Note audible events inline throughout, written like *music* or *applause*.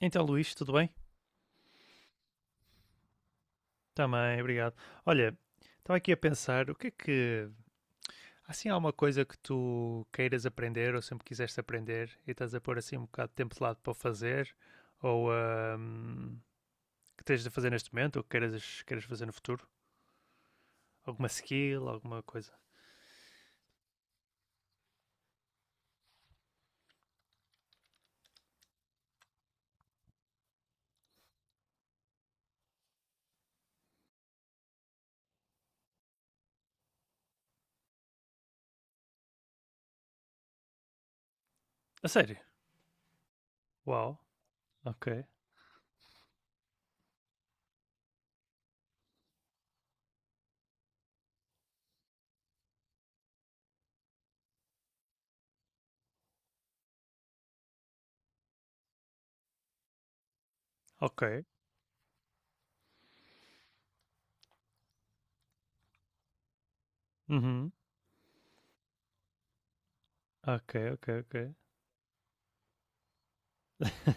Então, Luís, tudo bem? Também, obrigado. Olha, estava aqui a pensar, o que é que... Assim, há uma coisa que tu queiras aprender ou sempre quiseste aprender e estás a pôr assim um bocado de tempo de lado para o fazer ou que tens de fazer neste momento ou que queiras fazer no futuro? Alguma skill, alguma coisa? A sério? Uau, ok, ok. Uhum, ok, ok, ok. *laughs*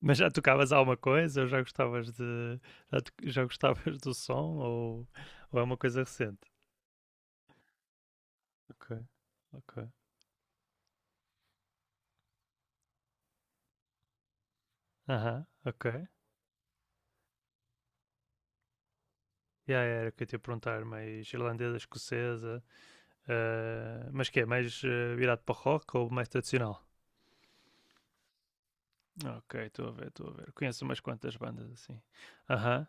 Mas já tocavas alguma coisa ou já gostavas de... já, já gostavas do som ou é uma coisa recente? Ok, ok. Aham, ok. Yeah, era o que eu te ia perguntar, mais irlandesa, escocesa, mas que é, mais virado para o rock ou mais tradicional? Ok, estou a ver, estou a ver. Conheço umas quantas bandas assim. Aham,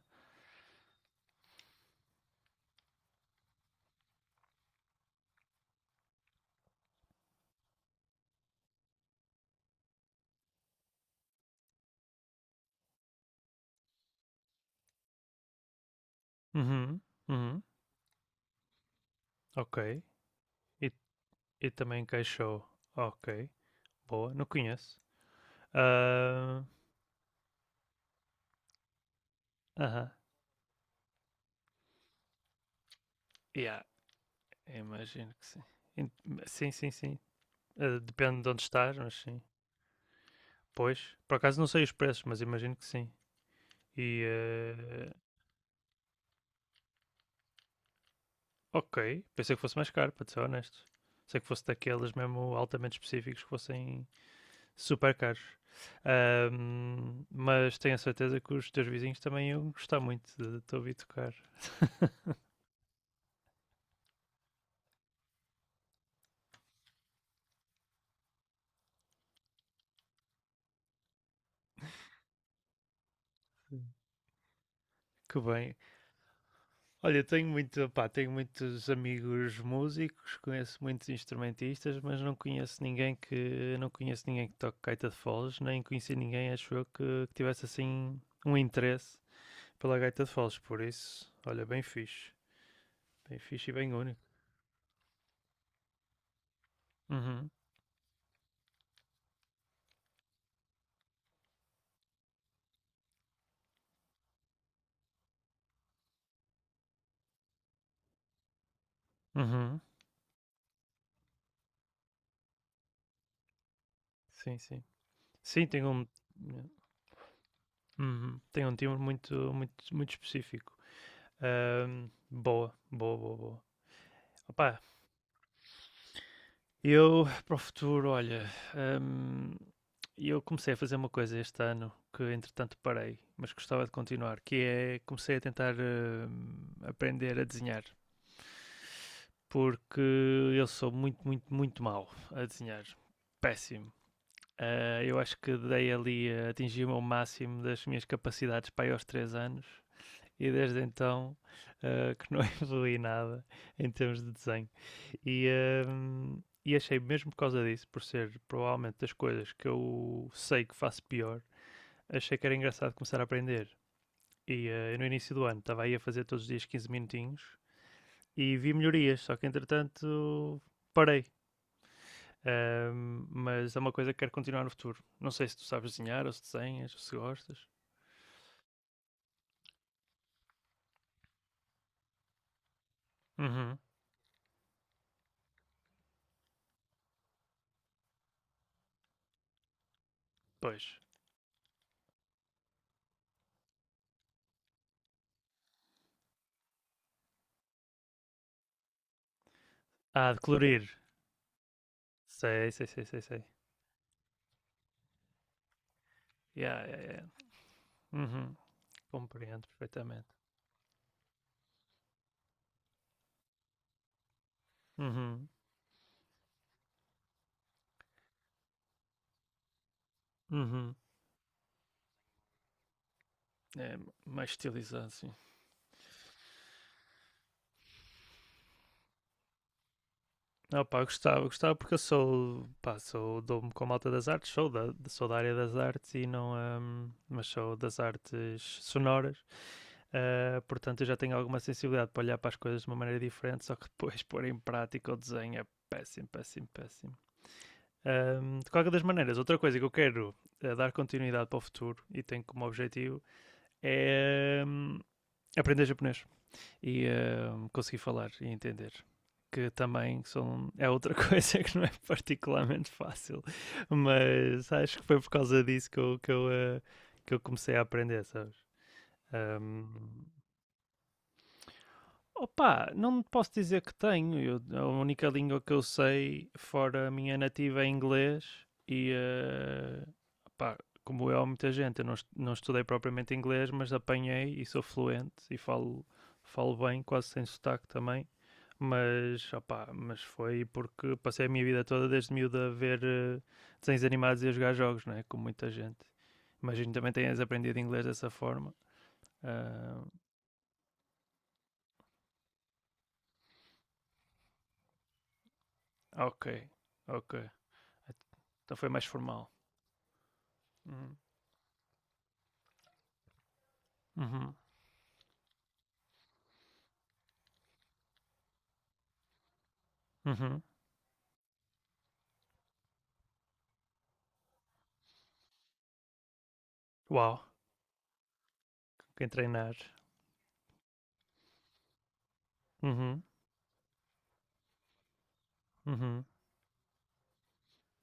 uhum, uhum, ok. E, e também encaixou. Ok, boa, não conheço. Ah, aham, yeah, imagino que sim. In- Sim, sim, sim. Eh, depende de onde estás, mas sim. Pois, por acaso não sei os preços, mas imagino que sim. E ah, ok, pensei que fosse mais caro, para te ser honesto. Sei que fosse daqueles mesmo altamente específicos que fossem super caros. Mas tenho a certeza que os teus vizinhos também iam gostar muito de te ouvir tocar. Que bem. Olha, tenho muito, pá, tenho muitos amigos músicos, conheço muitos instrumentistas, mas não conheço ninguém que toque gaita de foles, nem conheci ninguém, acho eu, que tivesse assim um interesse pela gaita de foles, por isso, olha, bem fixe e bem único. Uhum, uhum. Sim, sim. Sim, tem um, uhum, tem um timbre muito, muito, muito específico. Boa, boa, boa, boa. Opá, eu *laughs* para o futuro, olha, ahm, eu comecei a fazer uma coisa este ano que entretanto parei, mas gostava de continuar, que é comecei a tentar aprender a desenhar. Porque eu sou muito, muito, muito mau a desenhar. Péssimo. Ah, eu acho que dei ali, a atingi me ao máximo das minhas capacidades para aí aos 3 anos e desde então ah, que não *laughs* evolui nada em termos de desenho. E, ah, e achei, mesmo por causa disso, por ser provavelmente das coisas que eu sei que faço pior, achei que era engraçado começar a aprender. E ah, no início do ano estava aí a fazer todos os dias 15 minutinhos e vi melhorias, só que entretanto parei. Mas é uma coisa que quero continuar no futuro. Não sei se tu sabes desenhar, ou se desenhas, ou se gostas. Uhum, pois. Ah, de colorir. Sei, sei, sei, sei, sei. Yeah, yeah, yeah. Uhum, compreendo perfeitamente. Uhum, uhum. É mais estilizado, sim. Não, pá, eu gostava porque eu sou, pá, sou, dou-me com a malta das artes, sou da área das artes e não, mas sou das artes sonoras. Portanto, eu já tenho alguma sensibilidade para olhar para as coisas de uma maneira diferente, só que depois pôr em prática o desenho é péssimo, péssimo, péssimo. Um, de qualquer das maneiras, outra coisa que eu quero dar continuidade para o futuro e tenho como objetivo é um, aprender japonês e um, conseguir falar e entender. Que também são, é outra *laughs* coisa que não é particularmente fácil, mas acho que foi por causa disso que eu comecei a aprender, sabes? Um, Opa, não posso dizer que tenho. A única língua que eu sei, fora a minha nativa, é inglês. E, opá, como eu, há muita gente, eu não, não estudei propriamente inglês, mas apanhei e sou fluente e falo, falo bem, quase sem sotaque também. Mas, opá, mas foi porque passei a minha vida toda desde miúdo a ver desenhos animados e a jogar jogos, né? Como muita gente. Imagino que também tenhas aprendido inglês dessa forma. Ah, ok, ok. Então foi mais formal. Uhum. Uhum. Uhum. Uau, quem treinar. Uhum. Uhum.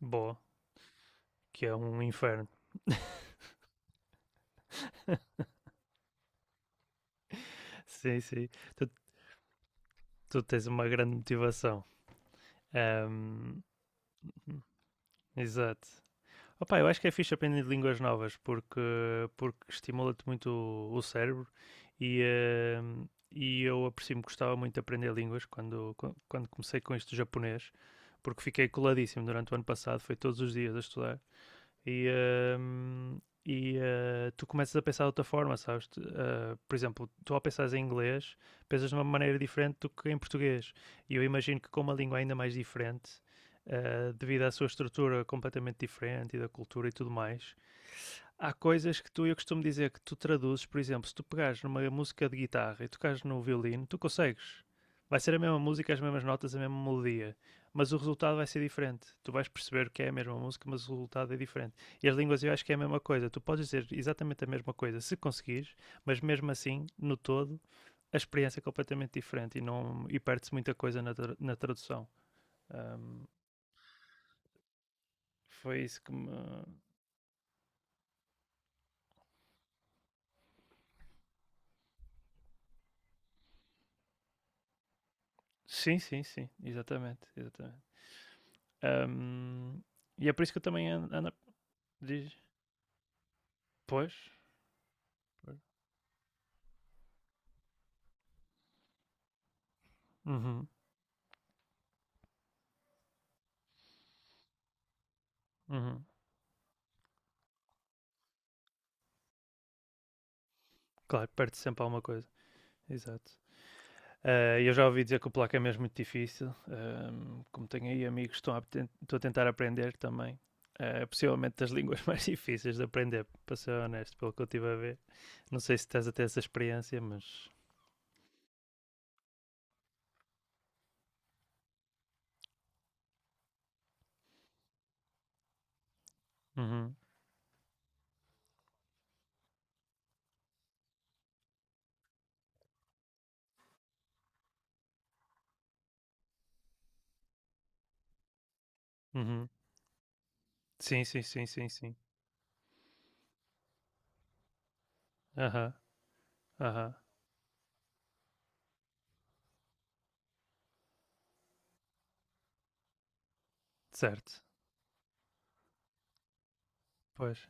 Boa, que é um inferno. Sim, sim. Tu, tu tens uma grande motivação. Ahm, exato. Opa, eu acho que é fixe aprender línguas novas porque, porque estimula-te muito o cérebro e, e eu aprecio-me, gostava muito de aprender línguas quando, quando comecei com isto do japonês porque fiquei coladíssimo durante o ano passado, foi todos os dias a estudar. E, hum, e tu começas a pensar de outra forma, sabes? Tu, eh, por exemplo, tu ao pensares em inglês, pensas de uma maneira diferente do que em português. E eu imagino que com uma língua ainda mais diferente, devido à sua estrutura completamente diferente e da cultura e tudo mais, há coisas que tu, eu costumo dizer que tu traduzes, por exemplo, se tu pegares numa música de guitarra e tocares no violino, tu consegues. Vai ser a mesma música, as mesmas notas, a mesma melodia, mas o resultado vai ser diferente. Tu vais perceber que é a mesma música, mas o resultado é diferente. E as línguas eu acho que é a mesma coisa. Tu podes dizer exatamente a mesma coisa se conseguires, mas mesmo assim, no todo, a experiência é completamente diferente e, e perde-se muita coisa na, na tradução. Ahm, foi isso que me. Sim, sim, sim, exatamente, exatamente. Ahm, e é por isso que eu também ando diz, pois. Uhum, uhum. Claro, perde sempre alguma coisa. Exato. Ah, eu já ouvi dizer que o polaco é mesmo muito difícil. Como tenho aí amigos que estão a, estou a tentar aprender também. Ah, é possivelmente das *laughs* línguas mais difíceis de aprender, para ser honesto, pelo que eu estive a ver. Não sei se tens até essa experiência, mas. Uhum, uhum. Sim, sim, sim, sim, sim. Aham, aham. Certo. Pois.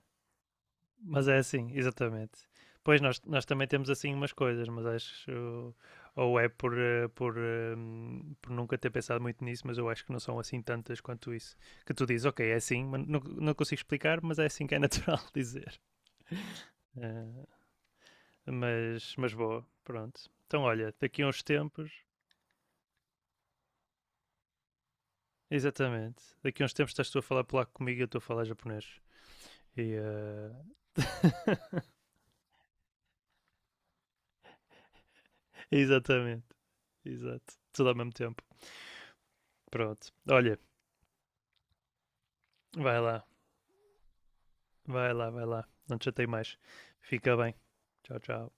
Mas é assim, exatamente. Pois nós também temos assim umas coisas, mas acho. Ou é por, por nunca ter pensado muito nisso, mas eu acho que não são assim tantas quanto isso. Que tu dizes, ok, é assim, mas não, não consigo explicar, mas é assim que é natural *laughs* dizer. Eh, mas boa, pronto. Então olha, daqui a uns tempos, exatamente, daqui a uns tempos estás tu a falar polaco comigo e eu estou a falar japonês. E. eh, *laughs* exatamente, exato. Tudo ao mesmo tempo. Pronto. Olha, vai lá, vai lá. Não te chatei mais. Fica bem. Tchau, tchau.